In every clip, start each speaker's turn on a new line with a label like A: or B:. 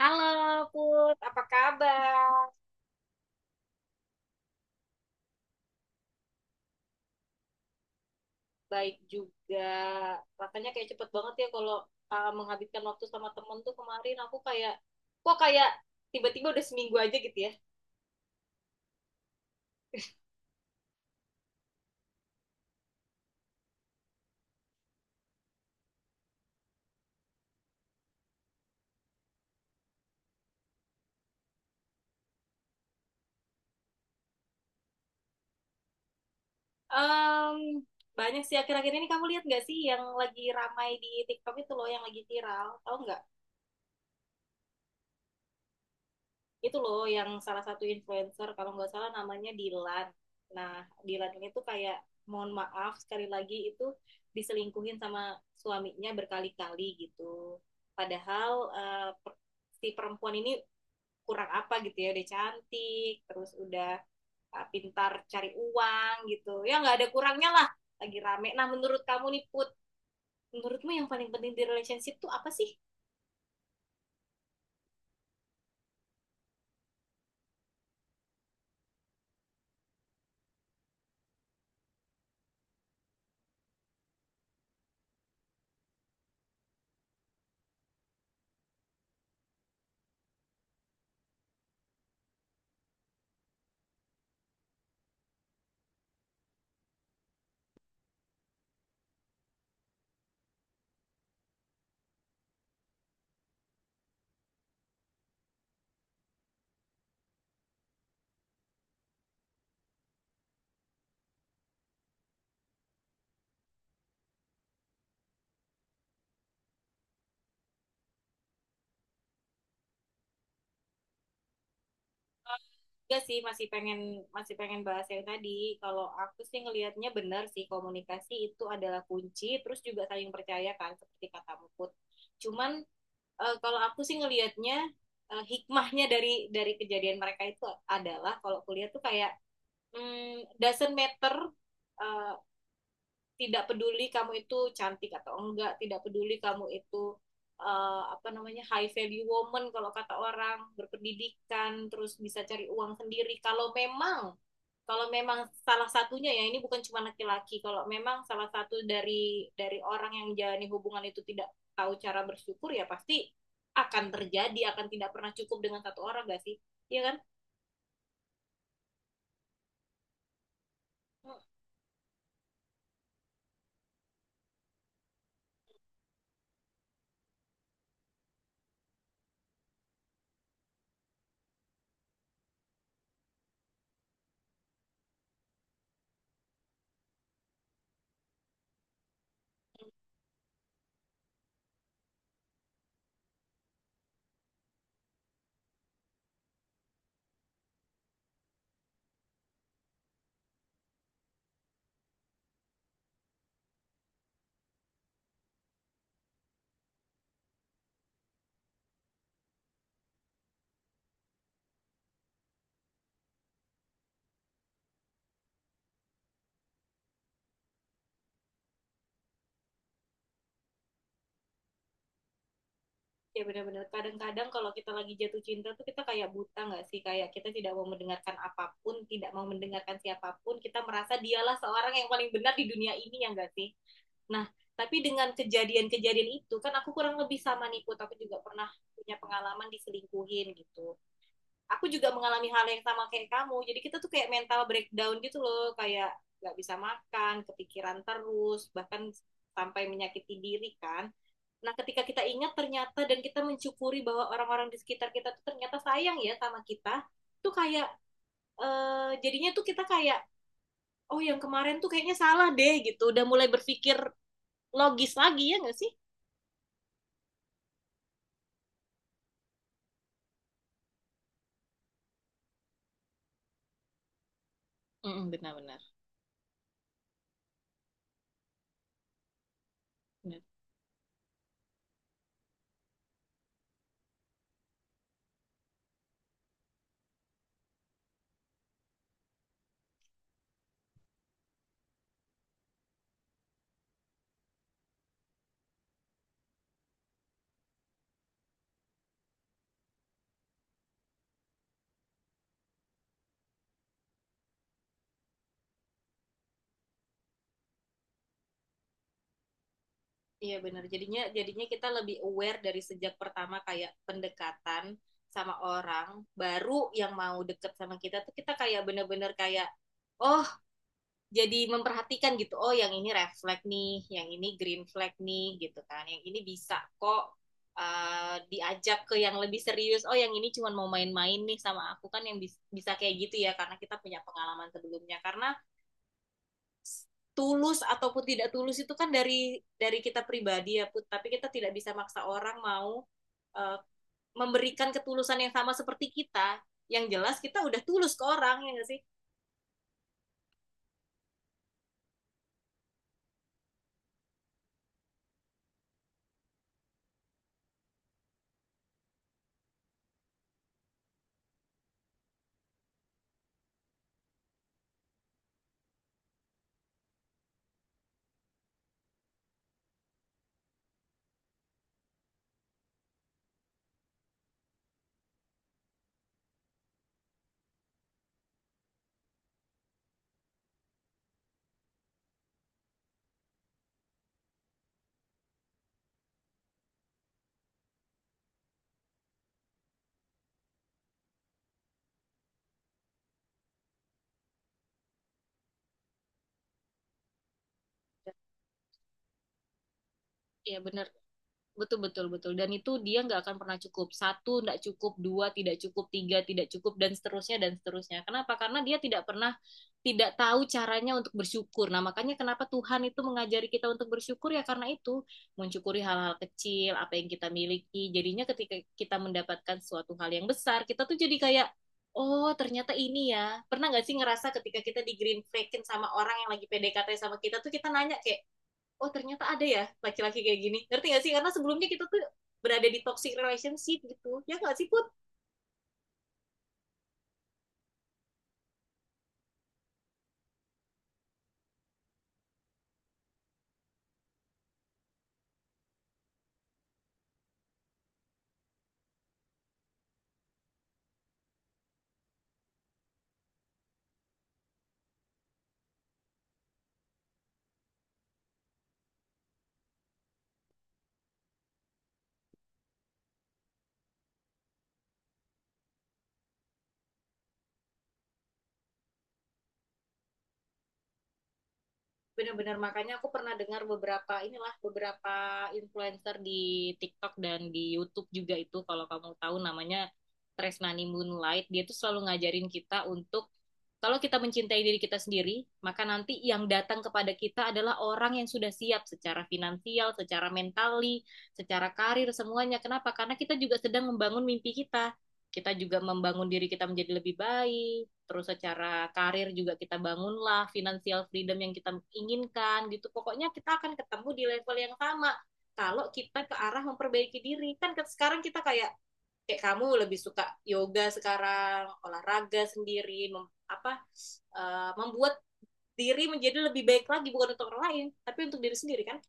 A: Halo Put, apa kabar? Baik juga. Rasanya kayak cepet banget ya kalau menghabiskan waktu sama temen tuh kemarin aku kayak, kok kayak tiba-tiba udah seminggu aja gitu ya. Em, banyak sih akhir-akhir ini kamu lihat nggak sih yang lagi ramai di TikTok itu loh yang lagi viral, tahu nggak? Itu loh yang salah satu influencer kalau nggak salah namanya Dilan. Nah, Dilan ini tuh kayak mohon maaf sekali lagi itu diselingkuhin sama suaminya berkali-kali gitu. Padahal si perempuan ini kurang apa gitu ya, udah cantik, terus udah pintar cari uang gitu. Ya nggak ada kurangnya lah, lagi rame. Nah, menurut kamu nih Put, menurutmu yang paling penting di relationship tuh apa sih? Enggak sih, masih pengen bahas yang tadi. Kalau aku sih ngelihatnya benar sih komunikasi itu adalah kunci, terus juga saling percaya kan seperti kata Mukut. Cuman kalau aku sih ngelihatnya hikmahnya dari kejadian mereka itu adalah kalau kuliah tuh kayak doesn't matter eh, tidak peduli kamu itu cantik atau enggak, tidak peduli kamu itu apa namanya high value woman kalau kata orang berpendidikan terus bisa cari uang sendiri kalau memang salah satunya ya ini bukan cuma laki-laki kalau memang salah satu dari orang yang menjalani hubungan itu tidak tahu cara bersyukur ya pasti akan terjadi akan tidak pernah cukup dengan satu orang gak sih? Iya kan? Hmm, ya benar-benar kadang-kadang kalau kita lagi jatuh cinta tuh kita kayak buta gak sih kayak kita tidak mau mendengarkan apapun tidak mau mendengarkan siapapun kita merasa dialah seorang yang paling benar di dunia ini ya gak sih? Nah, tapi dengan kejadian-kejadian itu kan aku kurang lebih sama Nikut, aku juga pernah punya pengalaman diselingkuhin gitu. Aku juga mengalami hal yang sama kayak kamu. Jadi kita tuh kayak mental breakdown gitu loh, kayak nggak bisa makan, kepikiran terus, bahkan sampai menyakiti diri kan. Nah, ketika kita ingat ternyata dan kita mensyukuri bahwa orang-orang di sekitar kita tuh ternyata sayang ya sama kita, tuh kayak jadinya tuh kita kayak oh yang kemarin tuh kayaknya salah deh gitu, udah mulai berpikir logis lagi ya nggak sih? Mm, benar-benar. Benar. Iya benar. Jadinya jadinya kita lebih aware dari sejak pertama kayak pendekatan sama orang baru yang mau deket sama kita tuh kita kayak benar-benar kayak oh jadi memperhatikan gitu. Oh yang ini red flag nih, yang ini green flag nih gitu kan. Yang ini bisa kok diajak ke yang lebih serius. Oh yang ini cuma mau main-main nih sama aku kan yang bisa kayak gitu ya karena kita punya pengalaman sebelumnya. Karena tulus ataupun tidak tulus itu kan dari kita pribadi ya Put. Tapi kita tidak bisa maksa orang mau eh, memberikan ketulusan yang sama seperti kita. Yang jelas kita udah tulus ke orang ya nggak sih? Iya benar. Betul, betul, betul. Dan itu dia nggak akan pernah cukup. Satu, nggak cukup. Dua, tidak cukup. Tiga, tidak cukup. Dan seterusnya, dan seterusnya. Kenapa? Karena dia tidak pernah, tidak tahu caranya untuk bersyukur. Nah, makanya kenapa Tuhan itu mengajari kita untuk bersyukur ya karena itu. Mensyukuri hal-hal kecil, apa yang kita miliki. Jadinya ketika kita mendapatkan suatu hal yang besar, kita tuh jadi kayak, oh ternyata ini ya. Pernah nggak sih ngerasa ketika kita di green flagging sama orang yang lagi PDKT sama kita tuh kita nanya kayak, oh ternyata ada ya laki-laki kayak gini ngerti nggak sih karena sebelumnya kita tuh berada di toxic relationship gitu ya nggak sih Put? Benar-benar makanya aku pernah dengar beberapa inilah beberapa influencer di TikTok dan di YouTube juga itu kalau kamu tahu namanya Tresnani Moonlight dia tuh selalu ngajarin kita untuk kalau kita mencintai diri kita sendiri maka nanti yang datang kepada kita adalah orang yang sudah siap secara finansial, secara mentali, secara karir semuanya. Kenapa? Karena kita juga sedang membangun mimpi kita. Kita juga membangun diri kita menjadi lebih baik, terus secara karir juga kita bangunlah financial freedom yang kita inginkan gitu. Pokoknya kita akan ketemu di level yang sama kalau kita ke arah memperbaiki diri. Kan sekarang kita kayak kayak kamu lebih suka yoga sekarang, olahraga sendiri, mem, apa membuat diri menjadi lebih baik lagi bukan untuk orang lain, tapi untuk diri sendiri kan.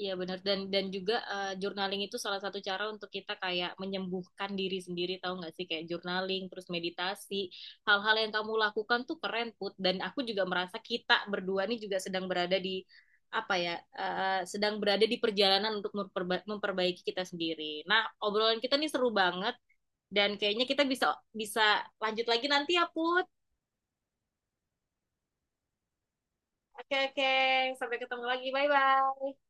A: Iya benar dan juga journaling itu salah satu cara untuk kita kayak menyembuhkan diri sendiri tahu nggak sih kayak journaling terus meditasi hal-hal yang kamu lakukan tuh keren Put dan aku juga merasa kita berdua nih juga sedang berada di apa ya sedang berada di perjalanan untuk memperbaiki kita sendiri. Nah obrolan kita nih seru banget dan kayaknya kita bisa bisa lanjut lagi nanti ya Put. Oke oke sampai ketemu lagi bye bye.